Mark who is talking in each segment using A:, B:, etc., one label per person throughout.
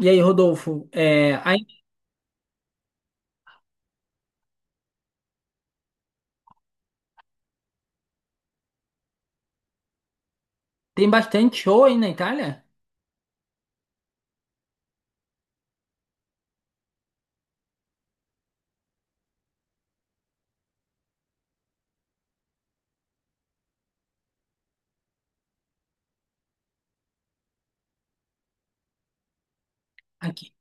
A: E aí, Rodolfo, é, aí tem bastante show aí na Itália? Aqui,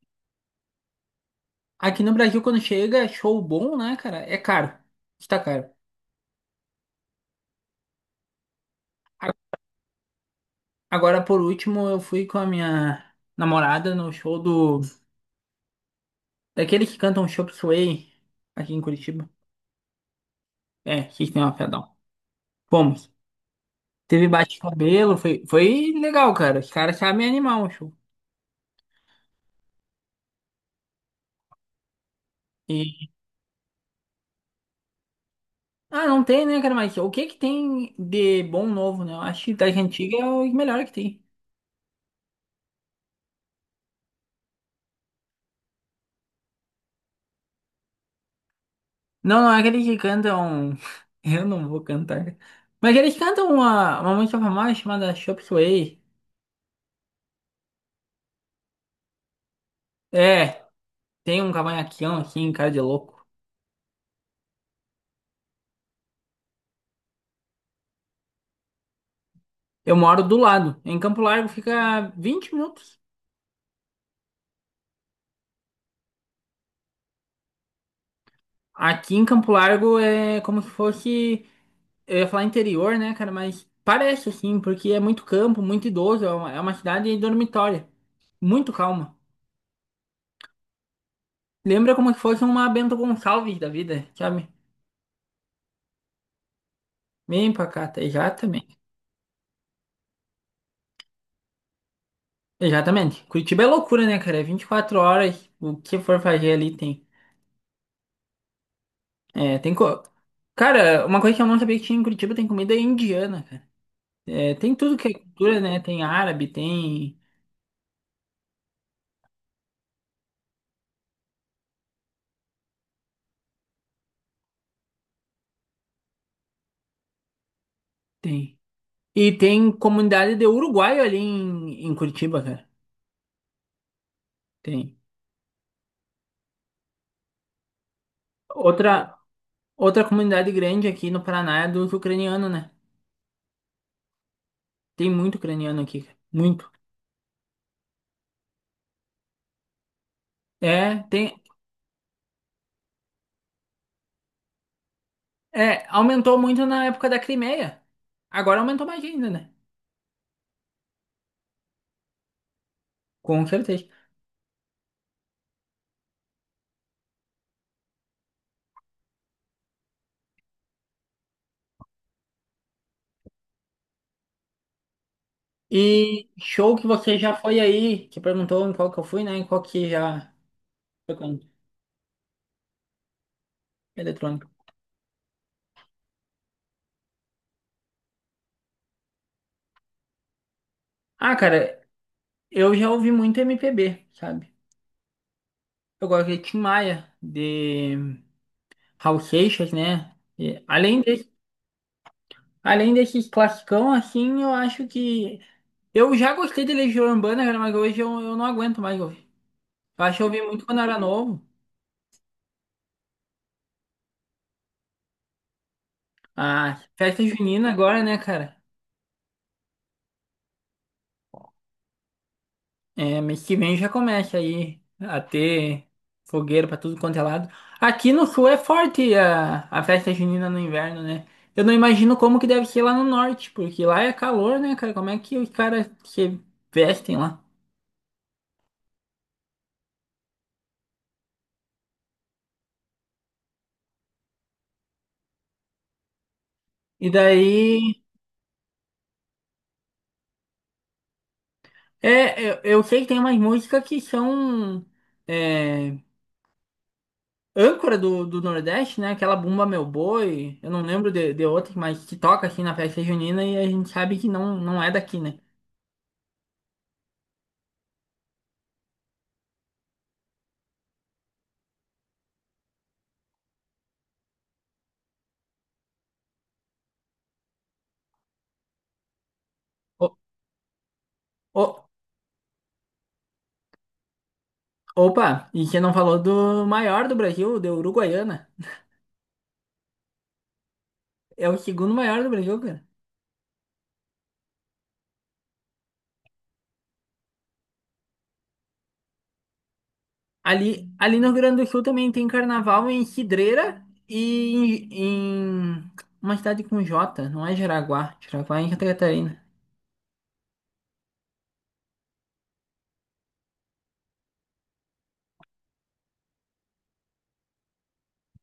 A: aqui no Brasil, quando chega, é show bom, né, cara? É caro. Está caro. A- Agora, por último, eu fui com a minha namorada no show do... Daqueles que cantam Chop Suey aqui em Curitiba. É, System of a Down. Fomos. Teve bate-cabelo, foi legal, cara. Os caras sabem animar o show. E... Ah, não tem, né, cara? Mas o que que tem de bom novo, né? Eu acho que das antigas é o melhor que tem. Não, não é aquele que cantam. Eu não vou cantar. Mas eles cantam uma música famosa chamada Chop Suey. É, tem um cavanhaquinho aqui em casa de louco. Eu moro do lado. Em Campo Largo fica 20 minutos. Aqui em Campo Largo é como se fosse. Eu ia falar interior, né, cara? Mas parece assim, porque é muito campo, muito idoso. É uma cidade dormitória. Muito calma. Lembra como se fosse uma Bento Gonçalves da vida, sabe? Bem pacata. E Já também. Exatamente. Curitiba é loucura, né, cara? É 24 horas, o que for fazer ali tem. É, tem co... Cara, uma coisa que eu não sabia que tinha em Curitiba tem comida indiana, cara. É, tem tudo que é cultura, né? Tem árabe, tem. Tem. E tem comunidade de uruguaio ali em Curitiba, cara. Tem. Outra, outra comunidade grande aqui no Paraná é dos ucranianos, né? Tem muito ucraniano aqui, cara. Muito. É, tem. É, aumentou muito na época da Crimeia. Agora aumentou mais ainda, né? Com certeza. E show que você já foi aí, que perguntou em qual que eu fui, né? Em qual que já foi com eletrônico. Ah, cara, eu já ouvi muito MPB, sabe? Eu gosto de Tim Maia, de Raul Seixas, né? E além desse, além desses classicão, assim, eu acho que... Eu já gostei de Legião Urbana, cara, mas hoje eu não aguento mais ouvir. Eu acho que eu ouvi muito quando eu era novo. Ah, festa junina agora, né, cara? É, mês que vem já começa aí a ter fogueira pra tudo quanto é lado. Aqui no sul é forte a festa junina no inverno, né? Eu não imagino como que deve ser lá no norte, porque lá é calor, né, cara? Como é que os caras se vestem lá? E daí, eu sei que tem umas músicas que são é, âncora do Nordeste, né? Aquela Bumba Meu Boi, eu não lembro de outras, mas que toca assim na festa junina e a gente sabe que não, não é daqui, né? Ô, ô, Opa, e você não falou do maior do Brasil, do Uruguaiana. É o segundo maior do Brasil, cara. Ali no Rio Grande do Sul também tem carnaval em Cidreira e em uma cidade com J, não é Jaraguá. Jaraguá é em Santa Catarina.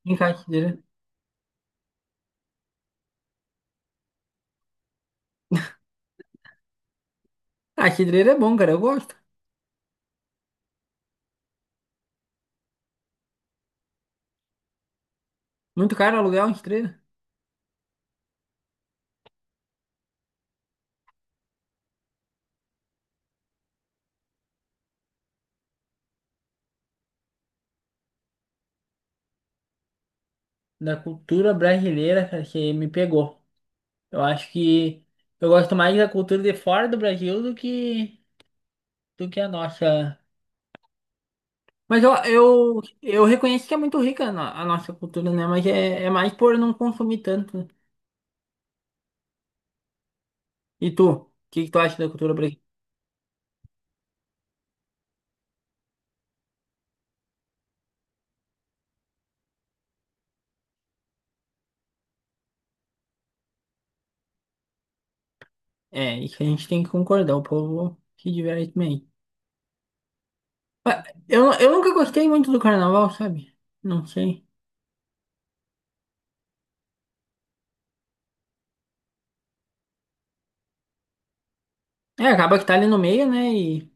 A: Em cá, Cidreira. Ah, Cidreira é bom, cara, eu gosto. Muito caro aluguel em Cidreira. Da cultura brasileira, cara, que me pegou. Eu acho que eu gosto mais da cultura de fora do Brasil do que a nossa. Mas eu reconheço que é muito rica a nossa cultura, né? Mas é mais por não consumir tanto, né? E tu? Que tu acha da cultura brasileira? É, isso a gente tem que concordar, o povo se diverte bem. Mas eu nunca gostei muito do carnaval, sabe? Não sei. É, acaba que tá ali no meio, né? E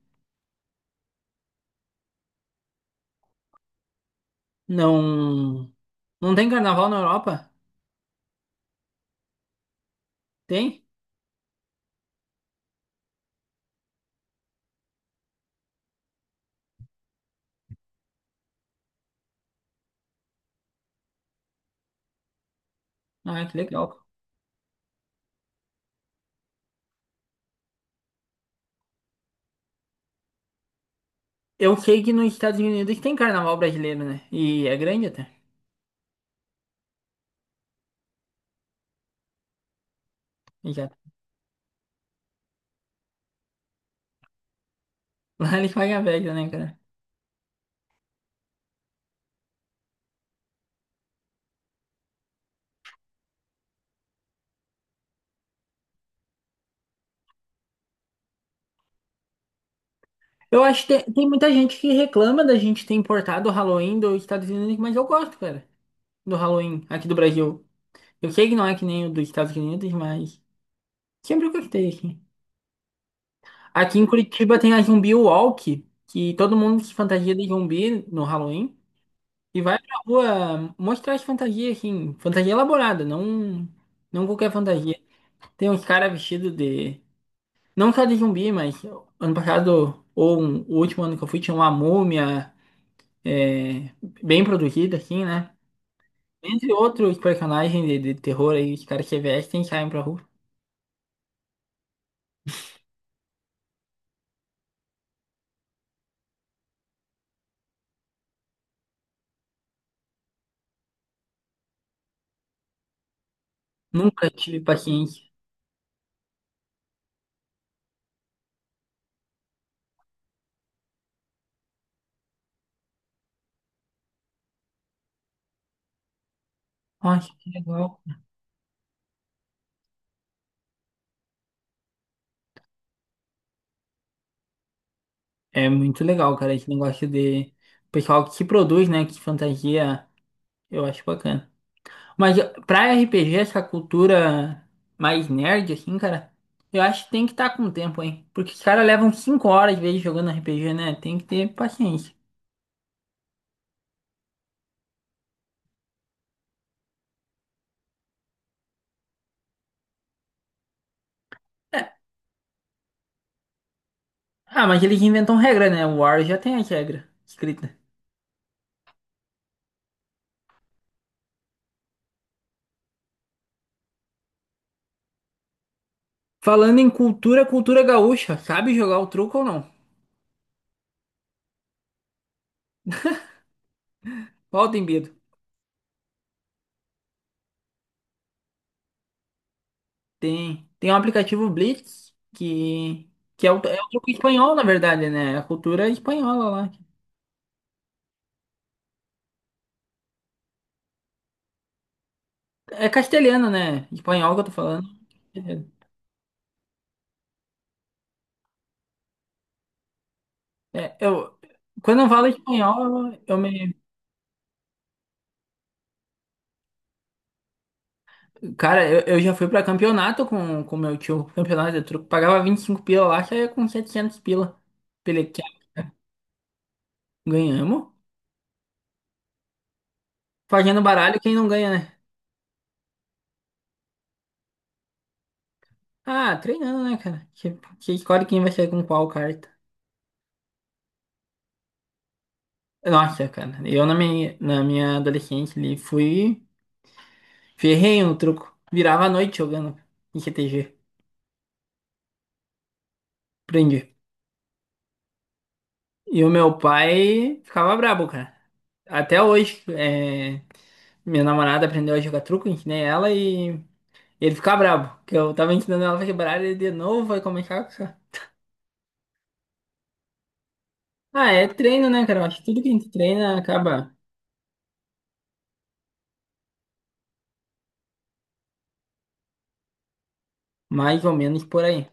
A: não. Não tem carnaval na Europa? Tem? Ah, que legal. Eu sei que nos Estados Unidos tem carnaval brasileiro, né? E é grande até. Já. Lá eles pagam a velha, né, cara? Eu acho que tem muita gente que reclama da gente ter importado o Halloween dos Estados Unidos, mas eu gosto, cara, do Halloween aqui do Brasil. Eu sei que não é que nem o dos Estados Unidos, mas sempre eu gostei, assim. Aqui em Curitiba tem a Zumbi Walk, que todo mundo se fantasia de zumbi no Halloween e vai pra rua mostrar as fantasias, assim, fantasia elaborada, não, não qualquer fantasia. Tem uns caras vestidos de. Não só de zumbi, mas ano passado, ou um- o último ano que eu fui, tinha uma múmia. é, bem produzida, assim, né? Entre outros personagens de terror aí, os caras que vestem e saem pra rua. Nunca tive paciência. Nossa, que legal. É muito legal, cara, esse negócio de pessoal que se produz, né? Que fantasia, eu acho bacana. Mas pra RPG, essa cultura mais nerd, assim, cara, eu acho que tem que estar com o tempo, hein? Porque os caras levam 5 horas, às vezes, jogando RPG, né? Tem que ter paciência. É. Ah, mas eles inventam regra, né? O War já tem a regra escrita. Falando em cultura, cultura gaúcha, sabe jogar o truco ou não? Qual tem medo? Tem um aplicativo Blitz que é o, é o truco espanhol, na verdade, né? É A cultura espanhola lá. É castelhana, né? Espanhol que eu tô falando. É, é, eu, quando eu falo espanhol, eu me. Cara, eu já fui pra campeonato com meu tio, campeonato de truco. Pagava 25 pila lá, saía com 700 pila. Pelequia, ganhamos. Fazendo baralho, quem não ganha, né? Ah, treinando, né, cara? Que escolhe quem vai sair com qual carta. Nossa, cara, eu na minha adolescência, ali fui ferrenho no truco. Virava a noite jogando em CTG. Aprendi. E o meu pai ficava brabo, cara. Até hoje, é, minha namorada aprendeu a jogar truco, ensinei ela e ele ficava brabo. Que eu tava ensinando ela a quebrar ele de novo, vai começar com essa. Ah, é treino, né, cara? Eu Acho que tudo que a gente treina acaba mais ou menos por aí.